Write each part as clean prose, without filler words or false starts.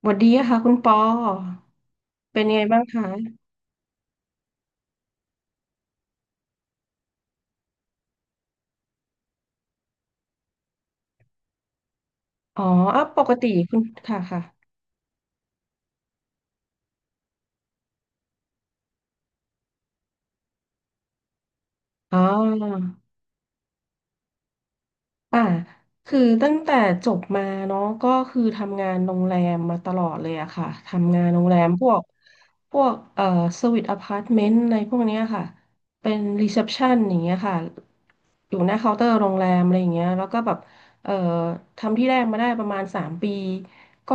สวัสดีค่ะคุณปอเป็นยังไงบ้างคะอ๋ออ่ะปกติคุณค่ะค่ะอ๋อ อ่าคือตั้งแต่จบมาเนาะก็คือทำงานโรงแรมมาตลอดเลยอะค่ะ ทำงานโรงแรมพวกสวีทอพาร์ตเมนต์อะไรพวกเนี้ยค่ะ เป็นรีเซพชันอย่างเงี้ยค่ะ อยู่หน้าเคาน์เตอร์โรงแรมอะไรอย่างเงี้ยแล้วก็แบบเอ่อทำที่แรกมาได้ประมาณสามปีก็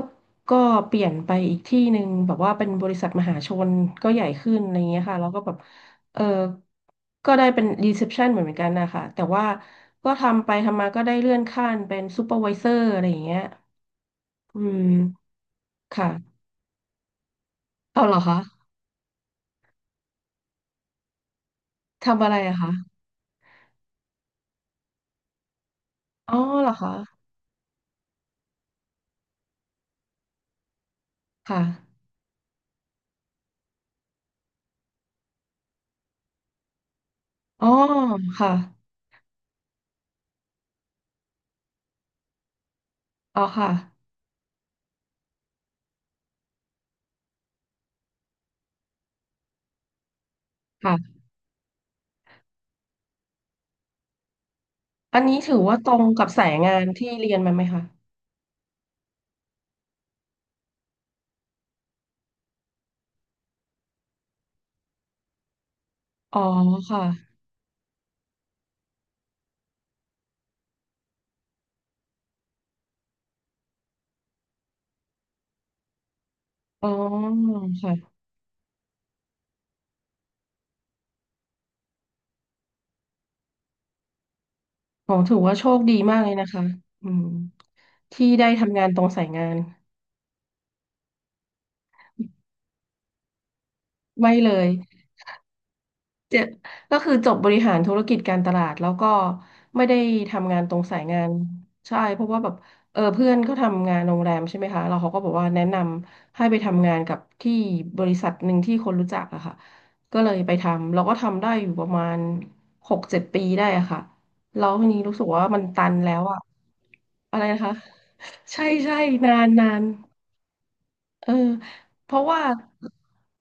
ก็เปลี่ยนไปอีกที่หนึ่งแบบว่าเป็นบริษัทมหาชนก็ใหญ่ขึ้นอะไรอย่างเงี้ยค่ะแล้วก็แบบ เออ ก็ได้เป็นรีเซพชันเหมือนกันนะคะแต่ว่าก็ทำไปทำมาก็ได้เลื่อนขั้นเป็นซูเปอร์วิเซอร์อะไรอย่างเงี้ยอืมค่ะเอาเหรอคะทำอะไรอะคะอ๋อเหรอคะค่ะอ๋อค่ะอ๋อค่ะค่ะอันนี้ถือว่าตรงกับสายงานที่เรียนมาไหมคะอ๋อค่ะอ๋อค่ะอ๋อถือว่าโชคดีมากเลยนะคะอืมที่ได้ทำงานตรงสายงานไม่เลย เจก็คือจบบริหารธุรกิจการตลาดแล้วก็ไม่ได้ทำงานตรงสายงานใช่เพราะว่าแบบเออเพื่อนเขาทำงานโรงแรมใช่ไหมคะแล้วเขาก็บอกว่าแนะนำให้ไปทำงานกับที่บริษัทหนึ่งที่คนรู้จักอะค่ะก็เลยไปทำเราก็ทำได้อยู่ประมาณหกเจ็ดปีได้อะค่ะแล้วทีนี้รู้สึกว่ามันตันแล้วอะอะไรนะคะใช่ใช่นานนาน เออเพราะว่า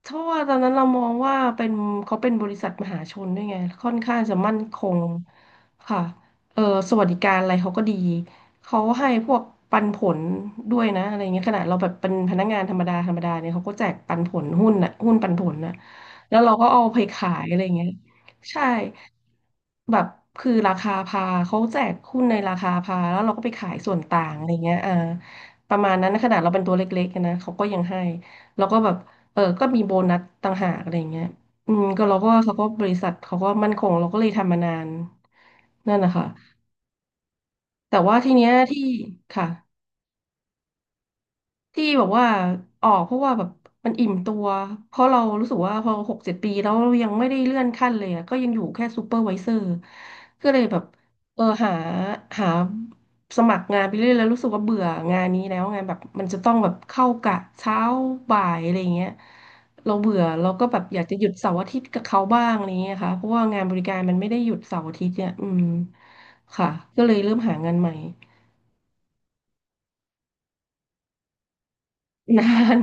เพราะว่าตอนนั้นเรามองว่าเป็นเขาเป็นบริษัทมหาชนด้วยไงค่อนข้างจะมั่นคงค่ะเออสวัสดิการอะไรเขาก็ดีเขาให้พวกปันผลด้วยนะอะไรเงี้ยขนาดเราแบบเป็นพนักงานธรรมดาธรรมดาเนี่ยเขาก็แจกปันผลหุ้นน่ะหุ้นปันผลน่ะแล้วเราก็เอาไปขายอะไรเงี้ยใช่แบบคือราคาพาเขาแจกหุ้นในราคาพาแล้วเราก็ไปขายส่วนต่างอะไรเงี้ยอ่า ประมาณนั้นนะขนาดเราเป็นตัวเล็กๆนะเขาก็ยังให้แล้วก็แบบเออก็มีโบนัสต่างหากอะไรอย่างเงี้ยอืมก็เราก็เขาก็บริษัทเขาก็มั่นคงเราก็เลยทำมานานนั่นนะคะแต่ว่าทีเนี้ยที่ค่ะ ที่แบบว่าออกเพราะว่าแบบมันอิ่มตัวเพราะเรารู้สึกว่าพอหกเจ็ดปีแล้วเรายังไม่ได้เลื่อนขั้นเลยอะก็ยังอยู่แค่ซูเปอร์ไวเซอร์ก็เลยแบบเออหาสมัครงานไปเรื่อยแล้วรู้สึกว่าเบื่องานนี้แล้วไงานแบบมันจะต้องแบบเข้ากะเช้าบ่ายอะไรอย่างเงี้ยเราเบื่อเราก็แบบอยากจะหยุดเสาร์อาทิตย์กับเขาบ้างอะไรอย่างเงี้ยค่ะเพราะว่างานบริการมันไม่ได้หยุดเสาร์อาทิตย์เนี่ยอืมค่ะก็เลยเริ่มหางานใหม่นาน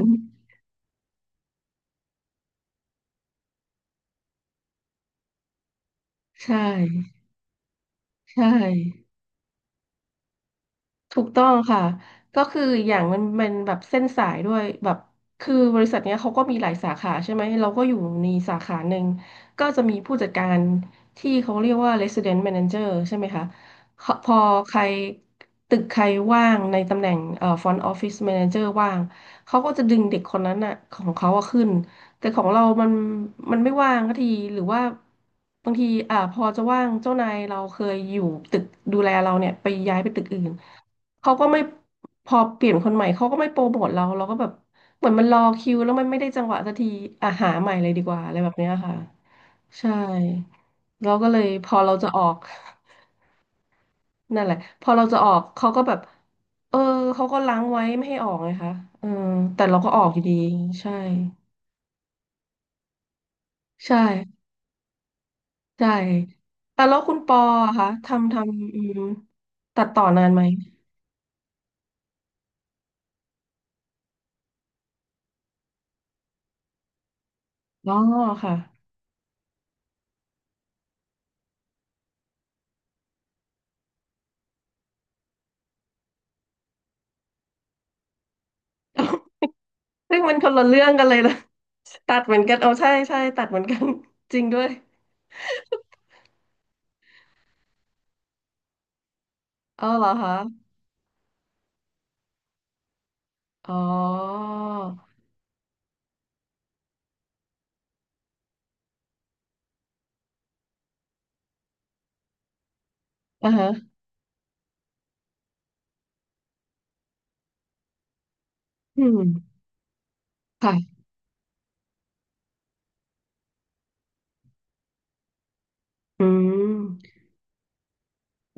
ใช่ใช่ ถูกต้องค่ะก็คืออย่างมันแบบเส้นสายด้วยแบบคือบริษัทเนี้ยเขาก็มีหลายสาขาใช่ไหมเราก็อยู่ในสาขาหนึ่งก็จะมีผู้จัดการที่เขาเรียกว่า Resident Manager ใช่ไหมคะเขาพอใครตึกใครว่างในตำแหน่งFront Office Manager ว่างเขาก็จะดึงเด็กคนนั้นอะของเขาอะขึ้นแต่ของเรามันไม่ว่างสักทีหรือว่าบางทีอ่าพอจะว่างเจ้านายเราเคยอยู่ตึกดูแลเราเนี่ยไปย้ายไปตึกอื่น เขาก็ไม่พอเปลี่ยนคนใหม่เขาก็ไม่โปรโมทเราเราก็แบบเหมือนมันรอคิวแล้วมันไม่ได้จังหวะสักทีอ่ะหาใหม่เลยดีกว่าอะไรแบบเนี้ยค่ะใช่เราก็เลยพอเราจะออก นั่นแหละพอเราจะออกเขาก็แบบเออเขาก็ล้างไว้ไม่ให้ออกไงคะเออแต่เราก็ออกอยู่ดีใช่ใช่ใช่แต่แล้วคุณปออะคะทำอืมตัดต่อนานไหมอ๋อค่ะ ซึ่งมันคนละเรื่องกันเลยนะ ตัดเหมือนกันเอาใช่ใช่ตัดเหมือนกัน จริงด้วยเอาเหรอคะอ๋ออ่าฮะอืมค่ะอืม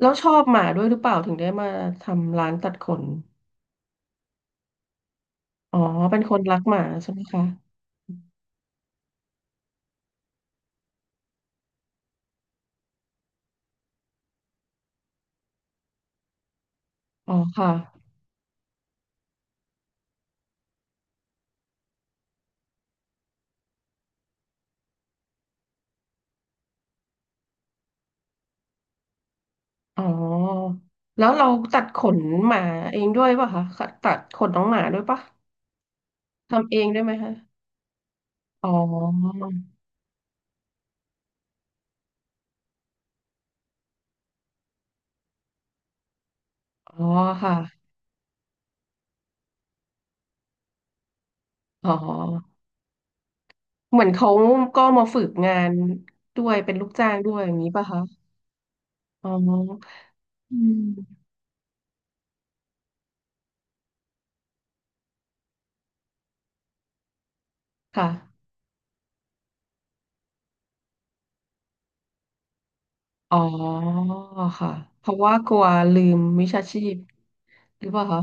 แล้วชอบหมาด้วยหรือเปล่าถึงได้มาทำร้านตัดขนอ๋อเป็นคนรักหมาใช่ไหมคะอ๋อค่ะอ๋อแล้วเราตัดขนหมาเองด้วยป่ะคะค่ะตัดขนน้องหมาด้วยป่ะทำเองด้วยไหมคะอ๋ออ๋อค่ะอ๋อ เหมือนเขาก็มาฝึกงานด้วยเป็นลูกจ้างด้วยอย่างนี้ป่ะคะอ๋ออืมค่ะอ๋อค่ะเพราะว่ากลัวลืมวิชาชีพหรือเปล่าคะ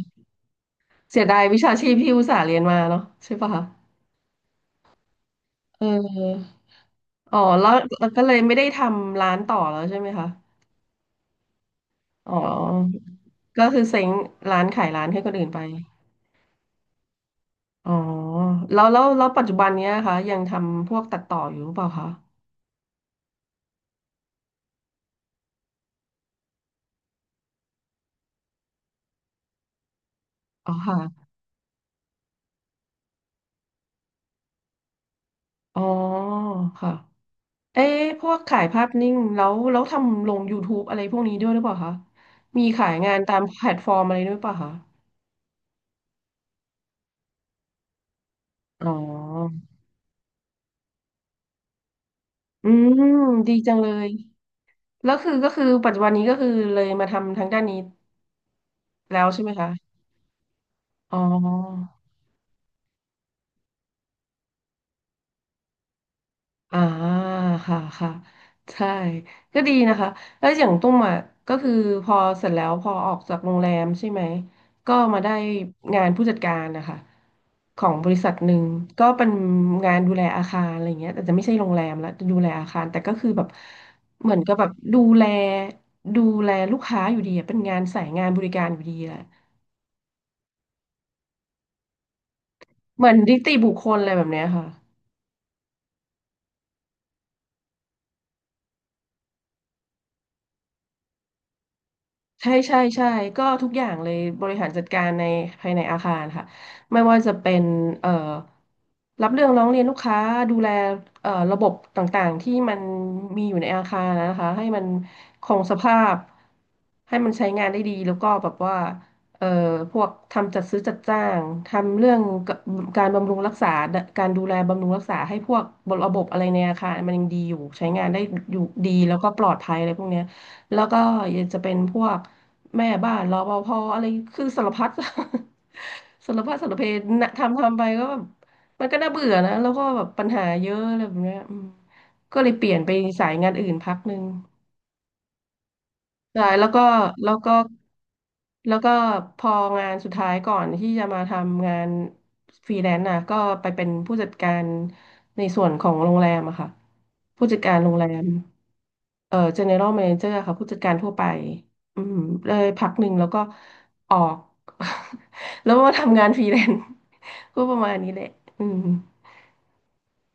เสียดายวิชาชีพที่อุตส่าห์เรียนมาเนาะใช่ป่ะคะเอออ๋อแล้วก็เลยไม่ได้ทำร้านต่อแล้วใช่ไหมคะอ๋อก็คือเซ้งร้านขายร้านให้คนอื่นไปอ๋อแล้วปัจจุบันเนี้ยคะยังทำพวกตัดต่ออยู่หรือเปล่าคะอ๋อค่ะอ๋อค่ะ เอ๊ะ พวกขายภาพนิ่งแล้วทำลง YouTube อะไรพวกนี้ด้วยหรือเปล่าคะ มีขายงานตามแพลตฟอร์มอะไรด้วยหรือเปล่าคะ อ๋อ อืม ดีจังเลย แล้วคือก็คือปัจจุบันนี้ก็คือเลยมาทำทางด้านนี้แล้วใช่ไหมคะ อ๋อ อ่าค่ะค่ะใช่ก็ดีนะคะแล้วอย่างตุ้มอ่ะก็คือพอเสร็จแล้วพอออกจากโรงแรมใช่ไหมก็มาได้งานผู้จัดการนะคะของบริษัทหนึ่งก็เป็นงานดูแลอาคารอะไรเงี้ยแต่จะไม่ใช่โรงแรมละจะดูแลอาคารแต่ก็คือแบบเหมือนกับแบบดูแลดูแลลูกค้าอยู่ดีอะเป็นงานสายงานบริการอยู่ดีแหละเหมือนนิติบุคคลอะไรแบบเนี้ยค่ะ ใช่ใช่ใช่ก็ทุกอย่างเลยบริหารจัดการในภายในอาคารค่ะไม่ว่าจะเป็นเอ่อรับเรื่องร้องเรียนลูกค้าดูแลระบบต่างๆที่มันมีอยู่ในอาคารนะคะให้มันคงสภาพให้มันใช้งานได้ดีแล้วก็แบบว่าเอ่อพวกทำจัดซื้อจัดจ้างทำเรื่องกการบำรุงรักษาการดูแลบำรุงรักษาให้พวกระบบอะไรในอาคารมันยังดีอยู่ใช้งานได้อยู่ดีแล้วก็ปลอดภัยอะไรพวกเนี้ย แล้วก็ยังจะเป็นพวกแม่บ้านรปภอะไรคือสารพัด สารพัดสารเพนะทำไปก็แบบมันก็น่าเบื่อนะแล้วก็แบบปัญหาเยอะอะไรแบบเนี้ยอืมก็เลยเปลี่ยนไปสายงานอื่นพักหนึ่งใช่แล้วก็แล้วก็พองานสุดท้ายก่อนที่จะมาทำงานฟรีแลนซ์นะก็ไปเป็นผู้จัดการในส่วนของโรงแรมอะค่ะผู้จัดการโรงแรม general manager ค่ะผู้จัดการทั่วไปอืมเลยพักหนึ่งแล้วก็ออก แล้วมาทำงานฟรีแลนซ์ ก็ประมาณนี้แหละอืม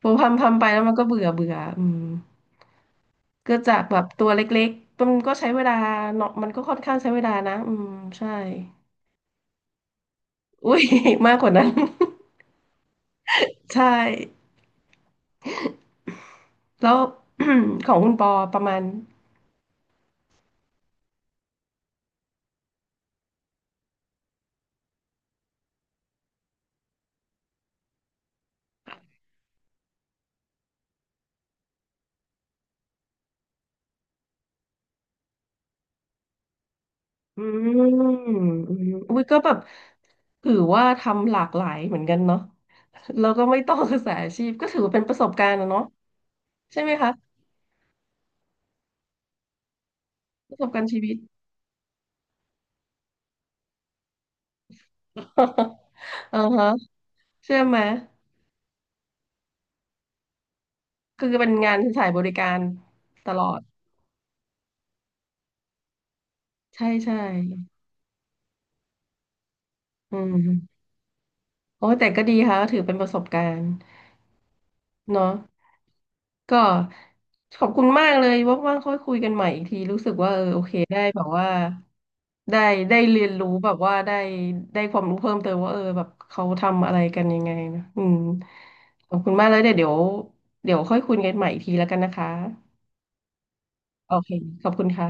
พอทำไปแล้วมันก็เบื่อเบื่ออืมก็จากแบบตัวเล็กๆมันก็ใช้เวลาเนาะมันก็ค่อนข้างใช้เวลานะอืมใช่อุ้ย มากกว่านั้น ใช่แล้ว ของคุณปอประมาณอืมอืมอุ้ยก็แบบถือว่าทำหลากหลายเหมือนกันเนาะ เราก็ไม่ต้องศึกษาอาชีพก็ถือว่าเป็นประสบการณ์นะเนาะใช่ไหมคะประสบการณ์ชีวิต อือฮะเชื่อไหมคือเป็นงานที่สายบริการตลอดใช่ใช่อืมโอ้ยแต่ก็ดีค่ะก็ถือเป็นประสบการณ์เนาะ ก็ขอบคุณมากเลยว่างๆค่อยคุยกันใหม่อีกทีรู้สึกว่าเออโอเคได้แบบว่าได้ได้เรียนรู้แบบว่าได้ได้ความรู้เพิ่มเติมว่าเออแบบเขาทำอะไรกันยังไงนะอืมขอบคุณมากเลยเดี๋ยวค่อยคุยกันใหม่อีกทีแล้วกันนะคะโอเคขอบคุณค่ะ